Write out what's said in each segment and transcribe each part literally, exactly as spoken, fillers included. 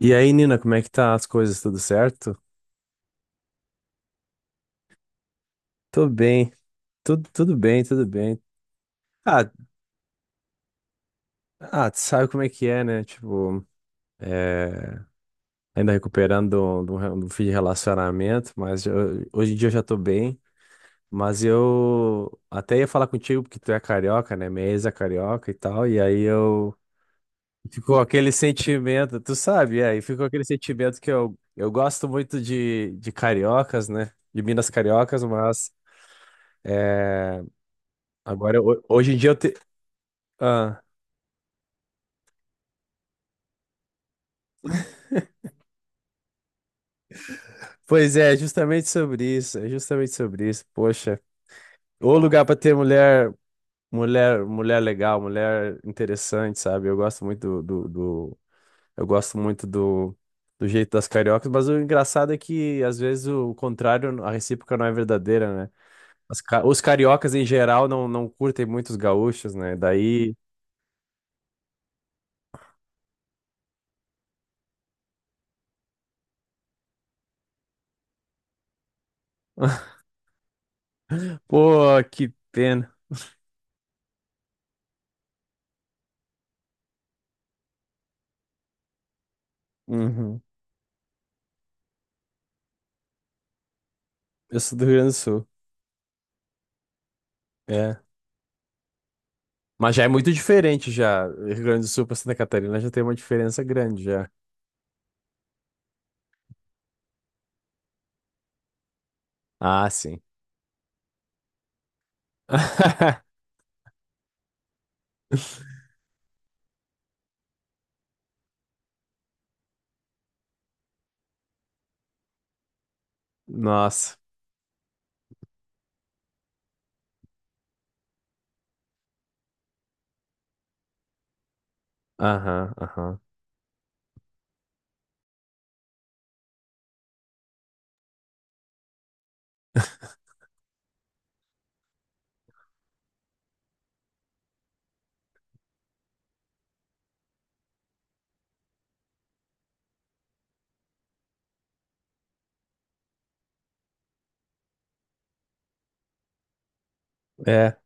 E aí, Nina, como é que tá as coisas? Tudo certo? Tô bem, tudo, tudo bem, tudo bem. Ah, ah, tu sabe como é que é, né? Tipo, é, ainda recuperando do, do, do fim de relacionamento, mas eu- hoje em dia eu já tô bem. Mas eu até ia falar contigo porque tu é carioca, né? Minha ex é carioca e tal, e aí eu. Ficou aquele sentimento, tu sabe, é, e ficou aquele sentimento que eu, eu gosto muito de, de cariocas, né? De Minas cariocas, mas. eh, Agora, ho- hoje em dia, eu, te- Ah, pois é, justamente sobre isso, é justamente sobre isso. Poxa, o lugar pra ter mulher, mulher, mulher legal, mulher interessante, sabe? Eu gosto muito do, do, do- eu gosto muito do, do jeito das cariocas, mas o engraçado é que às vezes o contrário, a recíproca não é verdadeira, né? As ca- os cariocas em geral não, não curtem muito os gaúchos, né? Daí, pô, que pena. Uhum. Eu sou do Rio Grande do Sul. É. Mas já é muito diferente já. Rio Grande do Sul para Santa Catarina já tem uma diferença grande já. Ah, sim. Nossa. Aham, aham. É.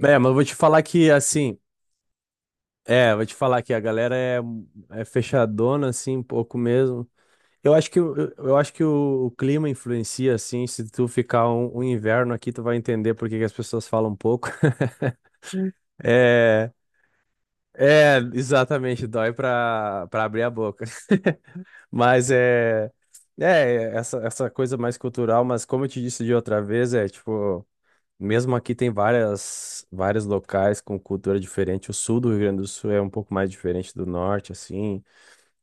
É, mas eu vou te falar que assim, é, vou te falar que a galera é, é fechadona assim um pouco mesmo. Eu acho que eu, eu acho que o, o clima influencia assim, se tu ficar um, um inverno aqui, tu vai entender por que que as pessoas falam pouco. É, é, exatamente, dói pra para abrir a boca. Mas é, é essa, essa coisa mais cultural, mas como eu te disse de outra vez, é tipo, mesmo aqui tem várias, vários locais com cultura diferente. O sul do Rio Grande do Sul é um pouco mais diferente do norte, assim.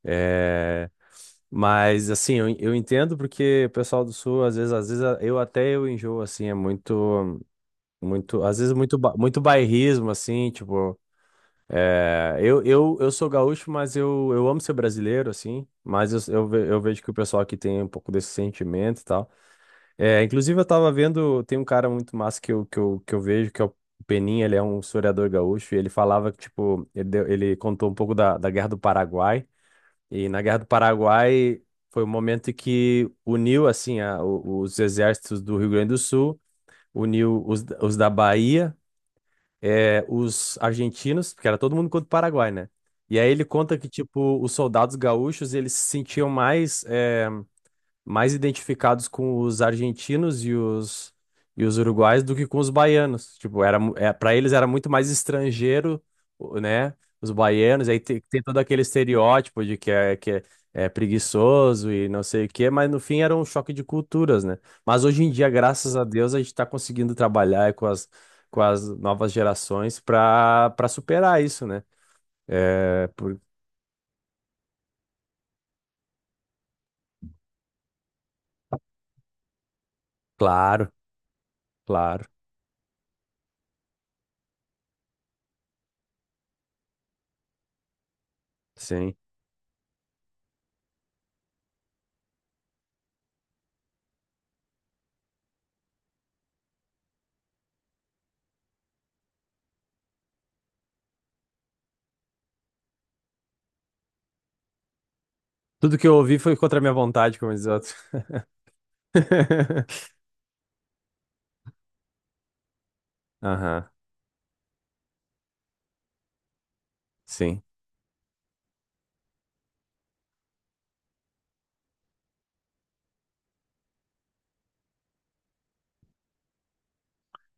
É, mas assim, eu, eu entendo porque o pessoal do sul, às vezes, às vezes a- eu até eu enjoo, assim, é muito, muito, às vezes muito, ba- muito bairrismo, assim, tipo. É, eu, eu, eu sou gaúcho, mas eu, eu amo ser brasileiro, assim. Mas eu, eu, ve- eu vejo que o pessoal aqui tem um pouco desse sentimento e tal. É, inclusive, eu tava vendo, tem um cara muito massa que eu, que eu, que eu vejo, que é o Peninha, ele é um historiador gaúcho, e ele falava que, tipo, ele, deu- ele contou um pouco da, da Guerra do Paraguai. E na Guerra do Paraguai foi o momento em que uniu, assim, a, o- os exércitos do Rio Grande do Sul, uniu os, os da Bahia é, os argentinos, porque era todo mundo contra o Paraguai, né? E aí ele conta que, tipo, os soldados gaúchos, eles se sentiam mais. É, mais identificados com os argentinos e os, e os uruguais do que com os baianos. Tipo, era, mu- é, para eles era muito mais estrangeiro, o- né? Os baianos, aí te- tem, todo aquele estereótipo de que é, que é, é preguiçoso e não sei o quê, mas no fim era um choque de culturas, né? Mas hoje em dia, graças a Deus, a gente está conseguindo trabalhar com as, com as novas gerações para para superar isso, né? É, por, claro, claro, sim. Tudo que eu ouvi foi contra a minha vontade, como diz outro. Aham, sim.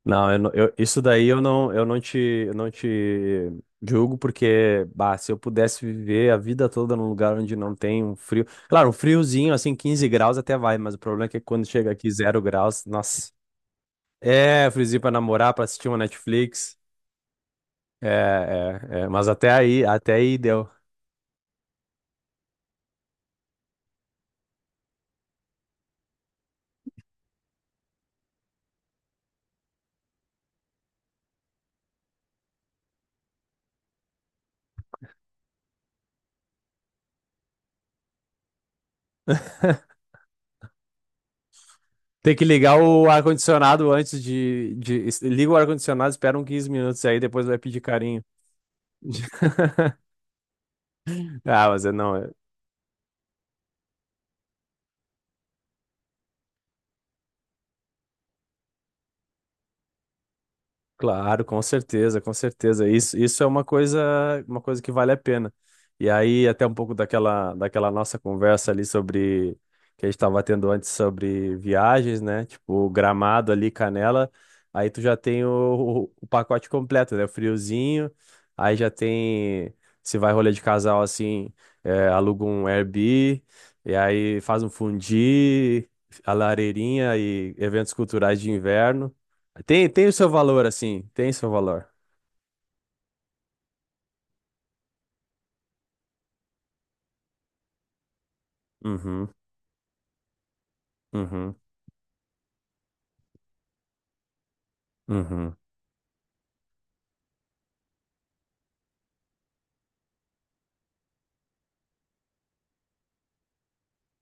Não, eu, não- eu- isso daí eu não, eu não te, eu não te julgo, porque, bah, se eu pudesse viver a vida toda num lugar onde não tem um frio. Claro, um friozinho, assim, quinze graus até vai, mas o problema é que quando chega aqui zero graus, nossa. É, friozinho pra namorar, pra assistir uma Netflix. É, é, é, mas até aí, até aí deu. Tem que ligar o ar-condicionado antes de, de. Liga o ar-condicionado, espera uns quinze minutos aí, depois vai pedir carinho. Ah, mas eu não. Claro, com certeza, com certeza. Isso, isso é uma coisa, uma coisa que vale a pena. E aí, até um pouco daquela, daquela nossa conversa ali sobre que a gente estava tendo antes sobre viagens, né? Tipo, Gramado ali, Canela. Aí tu já tem o, o pacote completo, né? O friozinho. Aí já tem, se vai rolê de casal assim, é, aluga um Airbnb. E aí faz um fundi, a lareirinha e eventos culturais de inverno. Tem, tem o seu valor, assim. Tem seu valor. Uhum, uhum, uhum.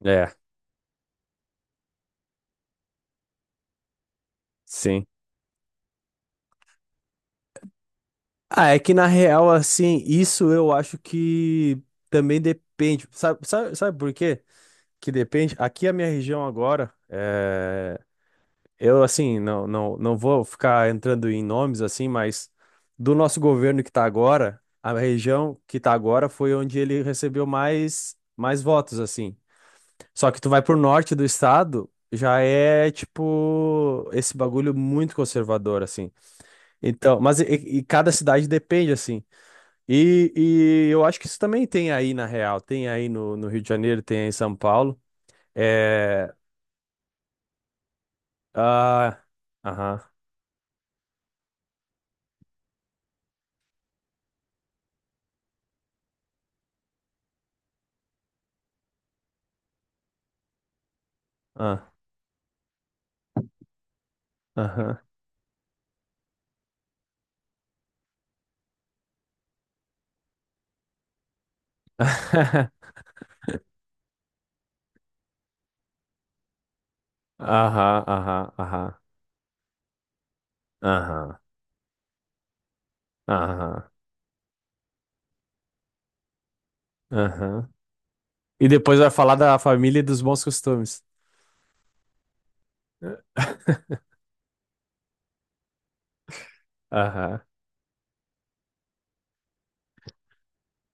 É, sim. Ah, é que na real, assim, isso eu acho que também depende. Sabe, sabe, sabe por quê? Que depende. Aqui a minha região agora, é... eu, assim, não, não, não vou ficar entrando em nomes, assim, mas do nosso governo que tá agora, a região que tá agora foi onde ele recebeu mais, mais votos, assim. Só que tu vai pro norte do estado, já é tipo esse bagulho muito conservador, assim. Então, mas e, e cada cidade depende, assim. E, e eu acho que isso também tem aí na real, tem aí no, no Rio de Janeiro, tem aí em São Paulo. É. Ah. Aham. Ah, Aham. Aham. Aham. Aham. Aham. Aham. Aham. E depois vai falar da família e dos bons costumes. Aham.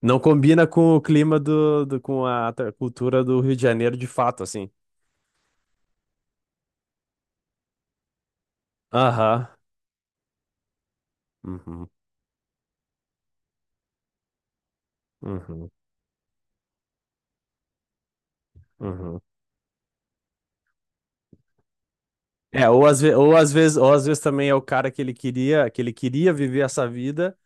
Não combina com o clima do, do- com a tra- cultura do Rio de Janeiro de fato, assim. Aham. Uhum. Uhum. Uhum. É, ou às, ve- ou às vezes, ou às vezes também é o cara que ele queria, que ele queria viver essa vida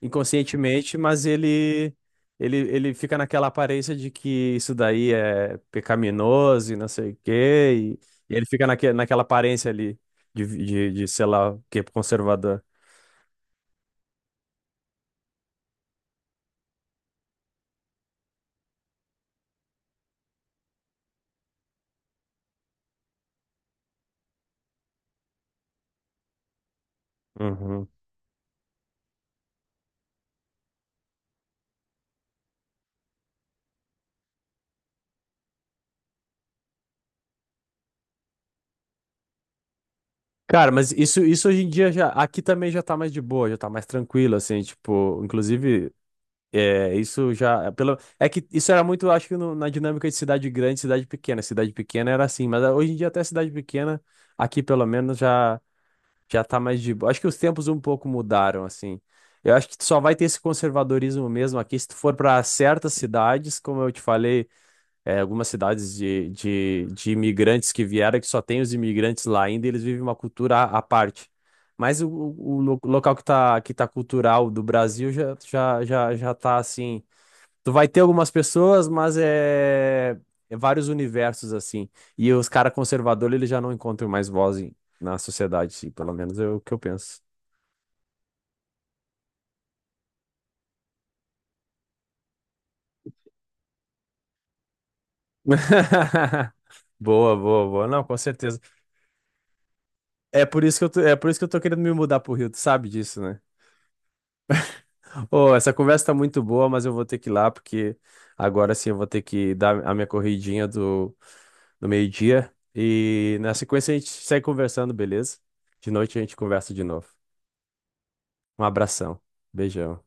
inconscientemente, mas ele ele, ele fica naquela aparência de que isso daí é pecaminoso e não sei o quê, e, e ele fica naque, naquela aparência ali de, de, de, sei lá, o que conservador. Uhum. Cara, mas isso, isso hoje em dia já, aqui também já tá mais de boa, já tá mais tranquilo, assim, tipo, inclusive, é, isso já, é pelo, é que isso era muito, acho que no- na dinâmica de cidade grande, e cidade pequena, cidade pequena era assim, mas ah, hoje em dia até cidade pequena, aqui pelo menos já, já tá mais de boa, acho que os tempos um pouco mudaram, assim, eu acho que só vai ter esse conservadorismo mesmo aqui, se tu for para certas cidades, como eu te falei, é, algumas cidades de, de, de imigrantes que vieram, que só tem os imigrantes lá ainda, e eles vivem uma cultura à à parte. Mas o, o lo- local que tá, que tá cultural do Brasil já, já, já, já tá assim. Tu vai ter algumas pessoas, mas é, é vários universos assim. E os caras conservadores, eles já não encontram mais voz em- na sociedade, sim, pelo menos é o que eu penso. Boa, boa, boa. Não, com certeza. É por isso que eu tô, é por isso que eu tô querendo me mudar pro Rio, tu sabe disso, né? Pô, essa conversa tá muito boa, mas eu vou ter que ir lá, porque agora sim eu vou ter que dar a minha corridinha do, do meio-dia. E na sequência a gente segue conversando, beleza? De noite a gente conversa de novo. Um abração. Beijão.